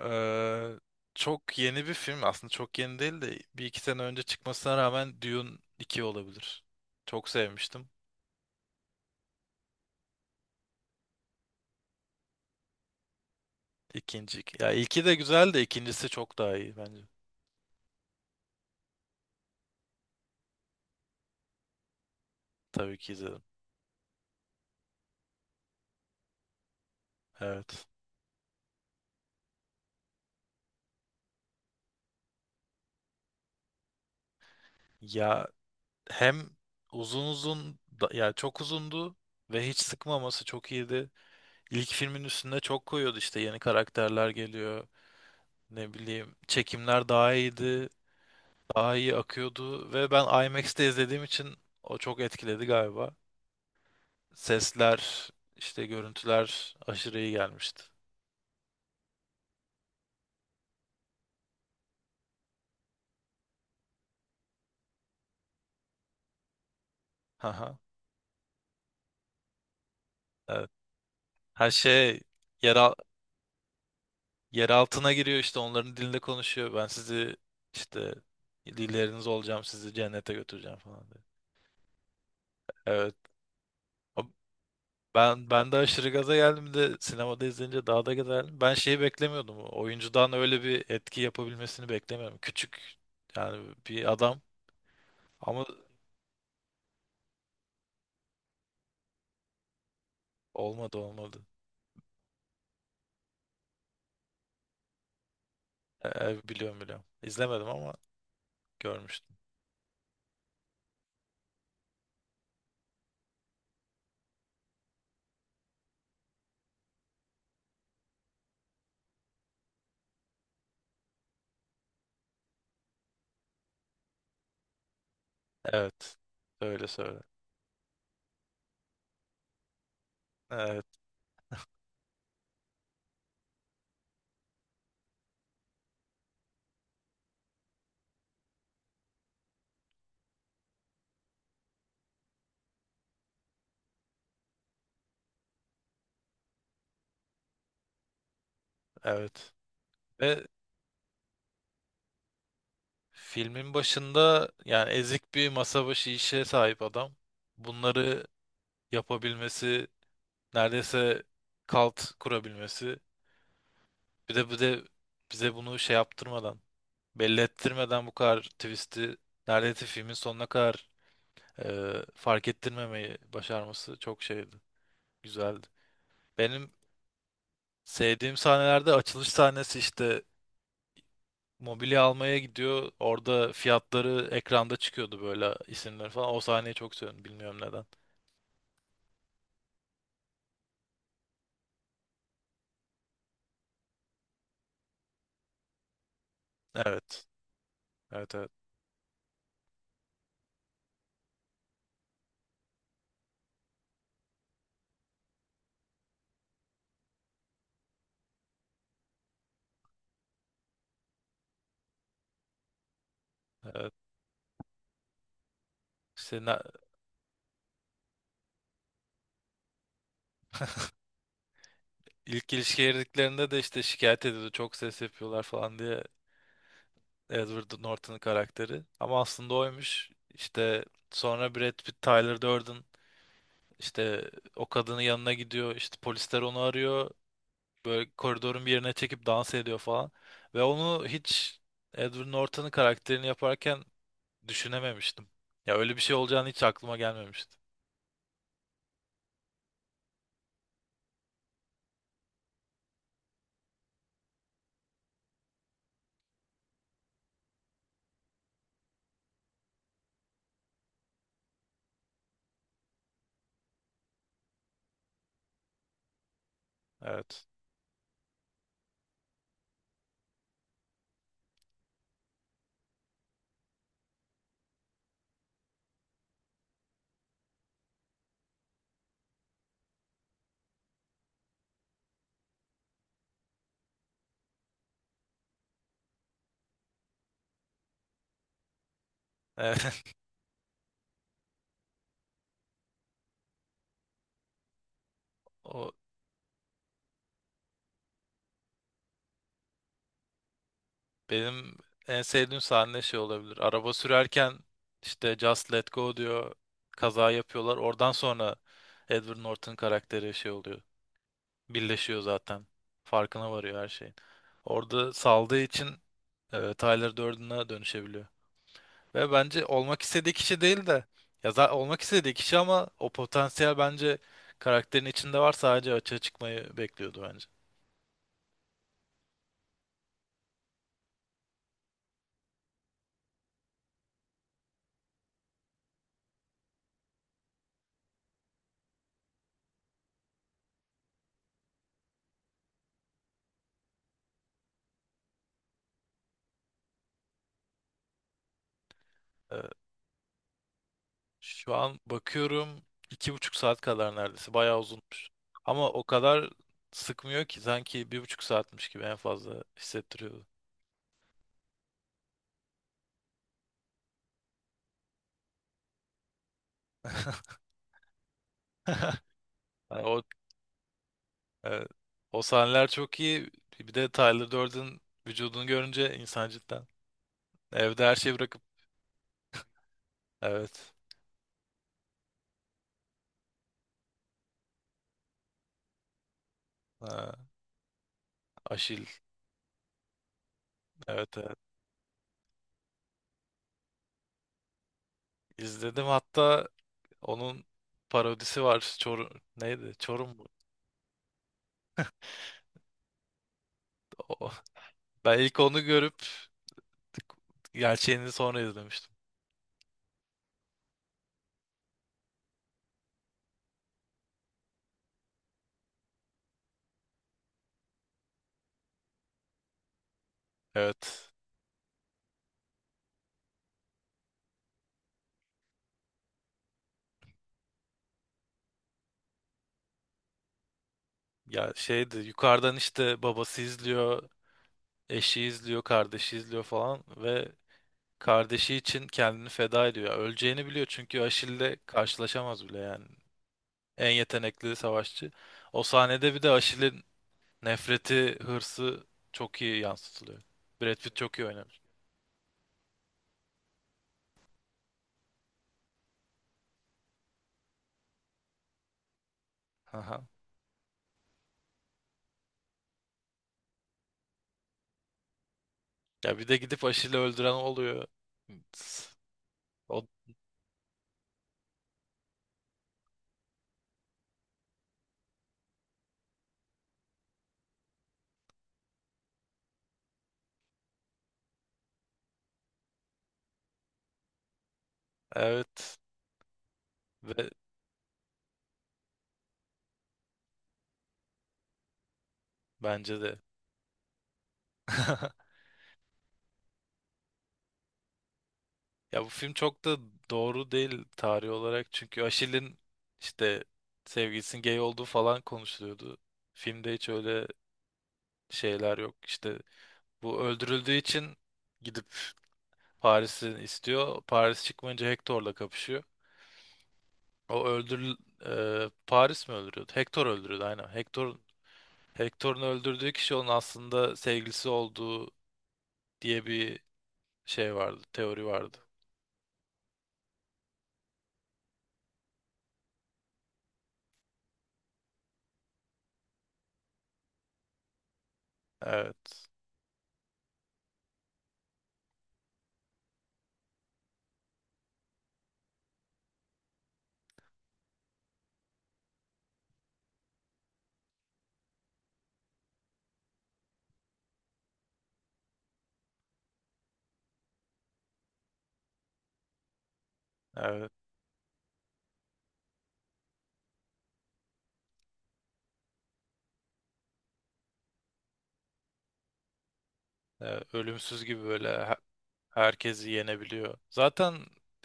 Ee, Çok yeni bir film. Aslında çok yeni değil de bir iki sene önce çıkmasına rağmen Dune iki olabilir. Çok sevmiştim. İkinci. Ya ilki de güzel de ikincisi çok daha iyi bence. Tabii ki izledim. Evet. Ya hem uzun uzun ya çok uzundu ve hiç sıkmaması çok iyiydi. İlk filmin üstüne çok koyuyordu, işte yeni karakterler geliyor. Ne bileyim, çekimler daha iyiydi. Daha iyi akıyordu ve ben IMAX'te izlediğim için o çok etkiledi galiba. Sesler, işte görüntüler aşırı iyi gelmişti. Haha. Evet. Her şey yer, al- yer altına giriyor, işte onların dilinde konuşuyor. Ben sizi işte dilleriniz olacağım, sizi cennete götüreceğim falan diye. Evet. O- ben de aşırı gaza geldim, bir de sinemada izleyince daha da gaza geldim. Ben şeyi beklemiyordum. Oyuncudan öyle bir etki yapabilmesini beklemiyorum. Küçük yani bir adam ama olmadı olmadı. Biliyorum biliyorum. İzlemedim ama görmüştüm. Evet. Öyle söyle. Evet, evet. Ve filmin başında yani ezik bir masa başı işe sahip adam. Bunları yapabilmesi, neredeyse kalt kurabilmesi. Bir de bize bunu şey yaptırmadan, belli ettirmeden bu kadar twist'i neredeyse filmin sonuna kadar fark ettirmemeyi başarması çok şeydi. Güzeldi. Benim sevdiğim sahnelerde açılış sahnesi, işte mobilya almaya gidiyor. Orada fiyatları ekranda çıkıyordu, böyle isimler falan. O sahneyi çok seviyorum. Bilmiyorum neden. Evet. Evet, evet. Evet. İşte ilk ilişkiye girdiklerinde de işte şikayet ediyordu. Çok ses yapıyorlar falan diye, Edward Norton'un karakteri. Ama aslında oymuş. İşte sonra Brad Pitt, Tyler Durden, işte o kadının yanına gidiyor. İşte polisler onu arıyor. Böyle koridorun bir yerine çekip dans ediyor falan. Ve onu hiç Edward Norton'un karakterini yaparken düşünememiştim. Ya öyle bir şey olacağını hiç aklıma gelmemişti. Evet. Evet. O benim en sevdiğim sahne şey olabilir. Araba sürerken işte Just Let Go diyor. Kaza yapıyorlar. Oradan sonra Edward Norton karakteri şey oluyor. Birleşiyor zaten. Farkına varıyor her şeyin. Orada saldığı için Tyler Durden'a dönüşebiliyor. Ve bence olmak istediği kişi değil de ya olmak istediği kişi ama o potansiyel bence karakterin içinde var, sadece açığa çıkmayı bekliyordu bence. Ee, şu an bakıyorum 2,5 saat kadar, neredeyse bayağı uzunmuş. Ama o kadar sıkmıyor ki sanki 1,5 saatmiş gibi en fazla hissettiriyordu. Yani o, evet, o sahneler çok iyi. Bir de Tyler Durden vücudunu görünce insan cidden evde her şeyi bırakıp evet. Ha, Aşil. Evet, evet. İzledim, hatta onun parodisi var. Çorum neydi? Çorum mu? O- Ben ilk onu görüp gerçeğini sonra izlemiştim. Evet. Ya şeydi, yukarıdan işte babası izliyor, eşi izliyor, kardeşi izliyor falan ve kardeşi için kendini feda ediyor. Ya öleceğini biliyor çünkü Aşil'le karşılaşamaz bile yani. En yetenekli savaşçı. O sahnede bir de Aşil'in nefreti, hırsı çok iyi yansıtılıyor. Brad Pitt çok iyi oynamış. Ya bir de gidip aşıyla öldüren oluyor. O, evet ve bence de. Ya bu film çok da doğru değil tarih olarak, çünkü Aşil'in işte sevgilisinin gay olduğu falan konuşuluyordu. Filmde hiç öyle şeyler yok. İşte bu öldürüldüğü için gidip Paris'i istiyor. Paris çıkmayınca Hector'la kapışıyor. O öldür Paris mi öldürüyordu? Hector öldürüyordu aynen. Hector'un öldürdüğü kişi onun aslında sevgilisi olduğu diye bir şey vardı, teori vardı. Evet, evet, evet. Ölümsüz gibi, böyle herkesi yenebiliyor. Zaten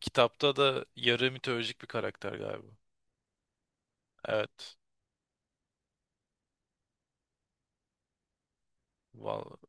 kitapta da yarı mitolojik bir karakter galiba. Evet, vallahi.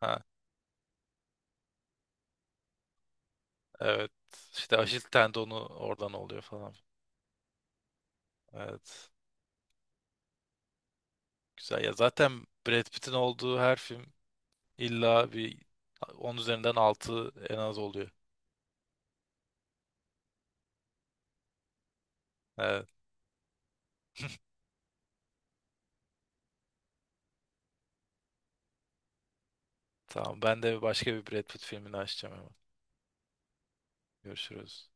Ha, evet. İşte Achilles tendonu oradan oluyor falan. Evet, güzel. Ya zaten Brad Pitt'in olduğu her film illa bir 10 üzerinden 6 en az oluyor. Evet, tamam. Ben de başka bir Brad Pitt filmini açacağım hemen. Görüşürüz.